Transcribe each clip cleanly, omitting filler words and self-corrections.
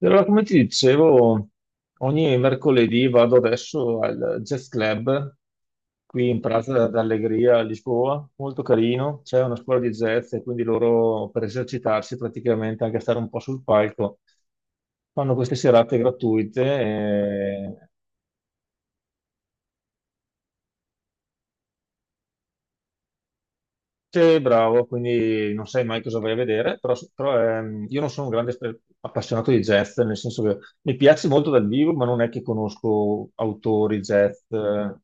Allora, come ti dicevo, ogni mercoledì vado adesso al Jazz Club qui in Praza d'Allegria a Lisboa, molto carino, c'è una scuola di jazz e quindi loro per esercitarsi praticamente, anche stare un po' sul palco, fanno queste serate gratuite. Sì, bravo, quindi non sai mai cosa vai a vedere, però, io non sono un grande appassionato di jazz, nel senso che mi piace molto dal vivo, ma non è che conosco autori jazz, eh,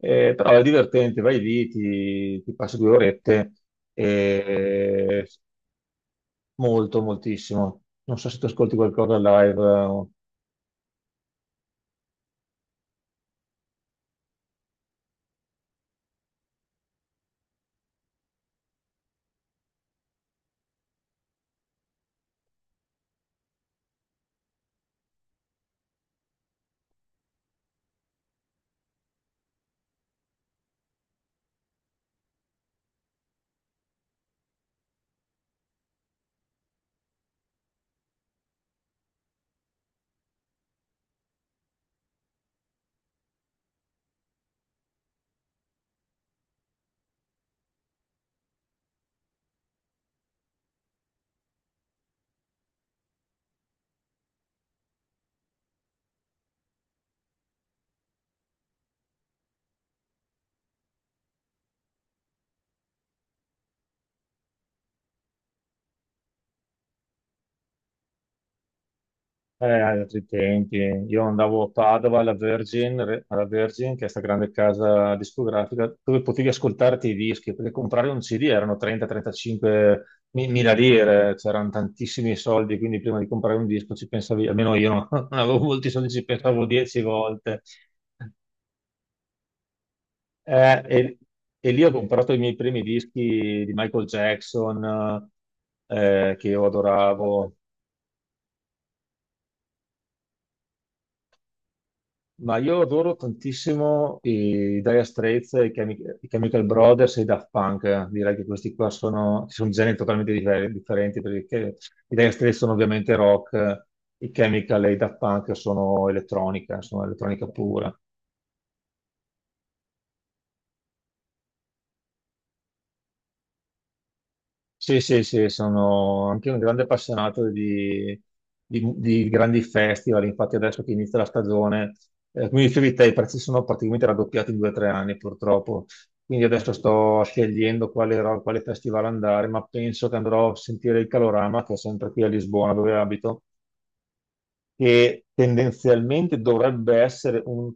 eh, però è divertente, vai lì, ti passi due orette. E molto, moltissimo. Non so se tu ascolti qualcosa live. Altri tempi. Io andavo a Padova alla Virgin, che è questa grande casa discografica, dove potevi ascoltarti i dischi, perché comprare un CD erano 30-35 mila lire, c'erano tantissimi soldi, quindi prima di comprare un disco ci pensavi, almeno io non, non avevo molti soldi, ci pensavo 10 volte. Eh, e, e lì ho comprato i miei primi dischi di Michael Jackson, che io adoravo. Ma io adoro tantissimo i Dire Straits, i Chemical Brothers e i Daft Punk. Direi che questi qua sono generi totalmente differenti, perché i Dire Straits sono ovviamente rock, i Chemical e i Daft Punk sono elettronica pura. Sì, sì, sì, sono anche un grande appassionato di grandi festival. Infatti adesso che inizia la stagione, come dicevi te, i prezzi sono praticamente raddoppiati in 2 o 3 anni purtroppo, quindi adesso sto scegliendo quale festival andare, ma penso che andrò a sentire il Calorama, che è sempre qui a Lisbona dove abito, che tendenzialmente dovrebbe essere un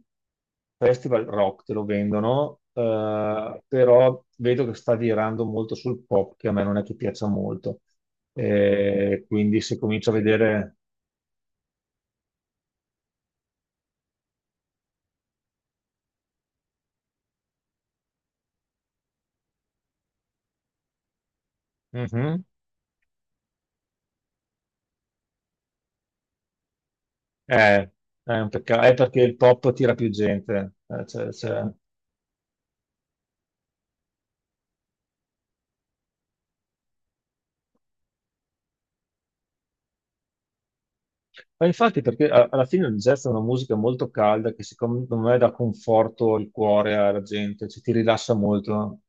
festival rock, te lo vendono, però vedo che sta virando molto sul pop, che a me non è che piaccia molto. Quindi se comincio a vedere. Mhm. Eh, è un peccato, è perché il pop tira più gente. Ma infatti, perché alla fine il jazz è una musica molto calda che secondo me dà conforto al cuore alla gente, cioè, ti rilassa molto.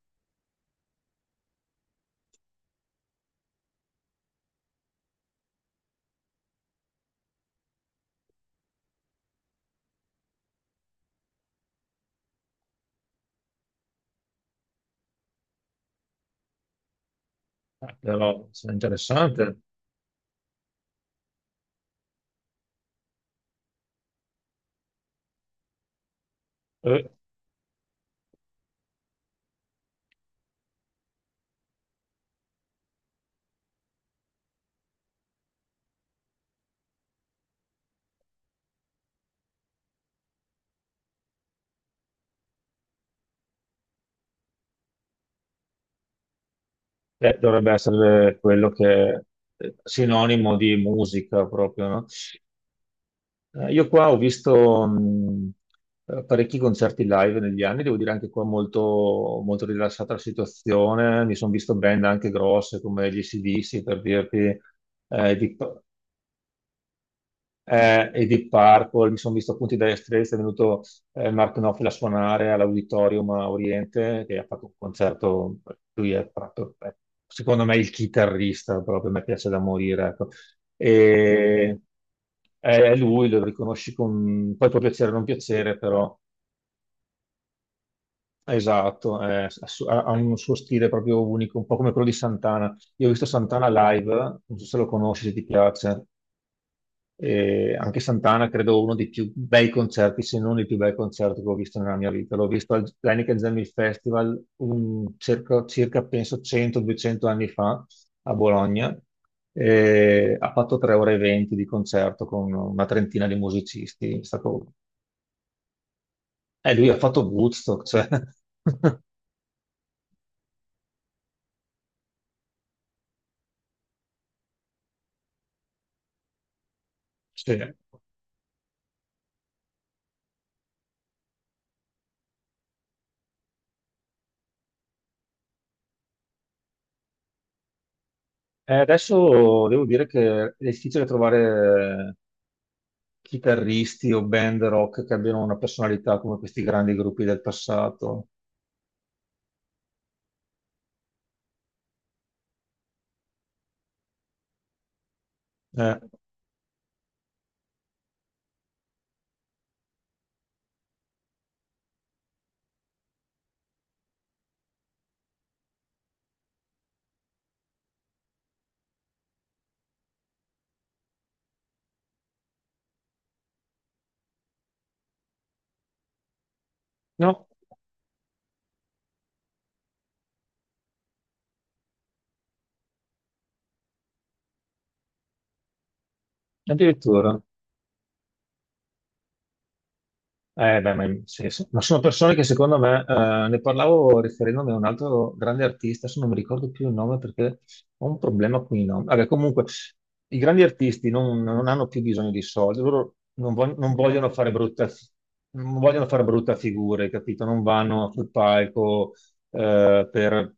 Però, cioè, è interessante. Eh, Dovrebbe essere quello che è sinonimo di musica proprio, no? Io qua ho visto parecchi concerti live negli anni, devo dire anche qua molto, molto rilassata la situazione. Mi sono visto band anche grosse come gli AC/DC per dirti, eh, di- e Deep Purple, mi sono visto appunto i Dire Straits, è venuto Mark Knopfler a suonare all'Auditorium a Oriente, che ha fatto un concerto. Lui è proprio, secondo me, il chitarrista, proprio, mi piace da morire, ecco. E è lui, lo riconosci con... poi può piacere o non piacere, però... Esatto, ha un suo stile proprio unico, un po' come quello di Santana. Io ho visto Santana live, non so se lo conosci, se ti piace. E anche Santana credo uno dei più bei concerti, se non il più bel concerto che ho visto nella mia vita. L'ho visto al Heineken Jam Hill Festival circa, penso 100-200 anni fa a Bologna. E ha fatto 3 ore e 20 di concerto con una trentina di musicisti. Lui ha fatto Woodstock, cioè. Sì. E adesso devo dire che è difficile trovare chitarristi o band rock che abbiano una personalità come questi grandi gruppi del passato. Eh, no, addirittura. Beh, ma, sì, sì. Ma sono persone che secondo me, ne parlavo riferendomi a un altro grande artista, adesso non mi ricordo più il nome perché ho un problema con i nomi. Vabbè, comunque, i grandi artisti non hanno più bisogno di soldi, loro non vogliono fare brutta, non vogliono fare brutta figura, hai capito? Non vanno sul palco eh, per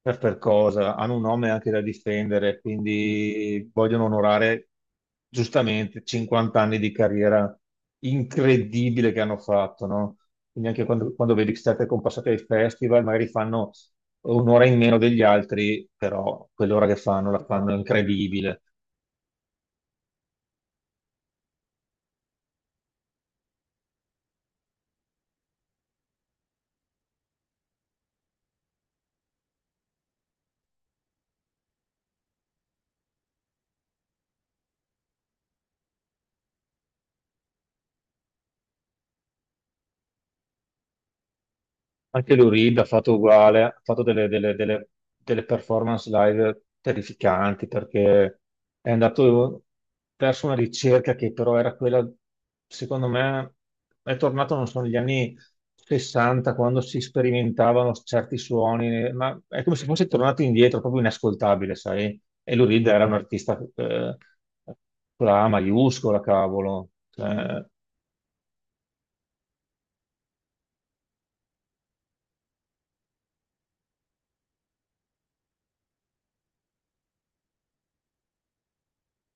per cosa, hanno un nome anche da difendere, quindi vogliono onorare giustamente 50 anni di carriera incredibile che hanno fatto, no? Quindi anche quando vedi state compassate ai festival, magari fanno un'ora in meno degli altri, però quell'ora che fanno la fanno incredibile. Anche Lou Reed ha fatto uguale, ha fatto delle performance live terrificanti, perché è andato verso una ricerca che però era quella, secondo me. È tornato, non so, negli anni 60 quando si sperimentavano certi suoni, ma è come se fosse tornato indietro, proprio inascoltabile, sai? E Lou Reed era un artista con la A maiuscola, cavolo. Cioè,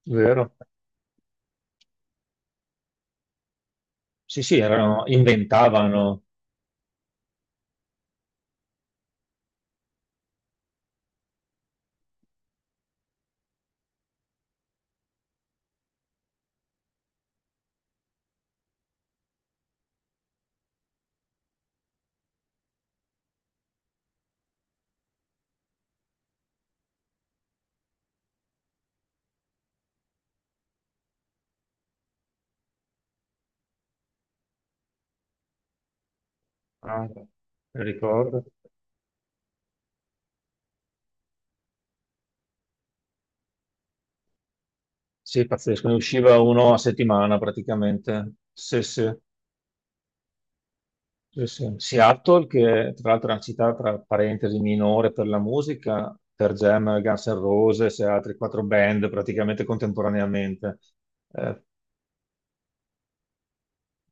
vero? Sì, sì, erano, inventavano. Ah, mi ricordo. Sì, pazzesco, ne usciva uno a settimana praticamente. Sì, sì, sì, sì. Seattle, che tra l'altro è una città tra parentesi minore per la musica, per Jam, Guns N' Roses e altri quattro band praticamente contemporaneamente. Eh,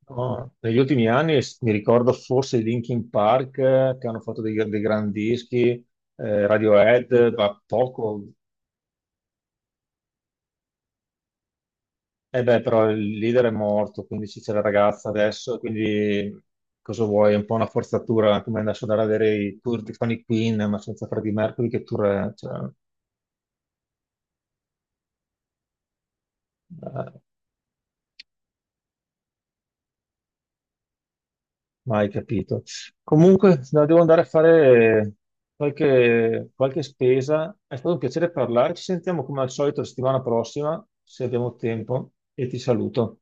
no, negli ultimi anni mi ricordo forse i Linkin Park, che hanno fatto dei grandi dischi, Radiohead, ma poco. Eh beh, però il leader è morto, quindi ci c'è la ragazza adesso, quindi cosa vuoi? È un po' una forzatura, come adesso andare a vedere i tour di Fanny Queen, ma senza Freddie Mercury, che tour è? Cioè, eh, mai capito. Comunque, no, devo andare a fare qualche spesa. È stato un piacere parlare, ci sentiamo come al solito la settimana prossima, se abbiamo tempo, e ti saluto.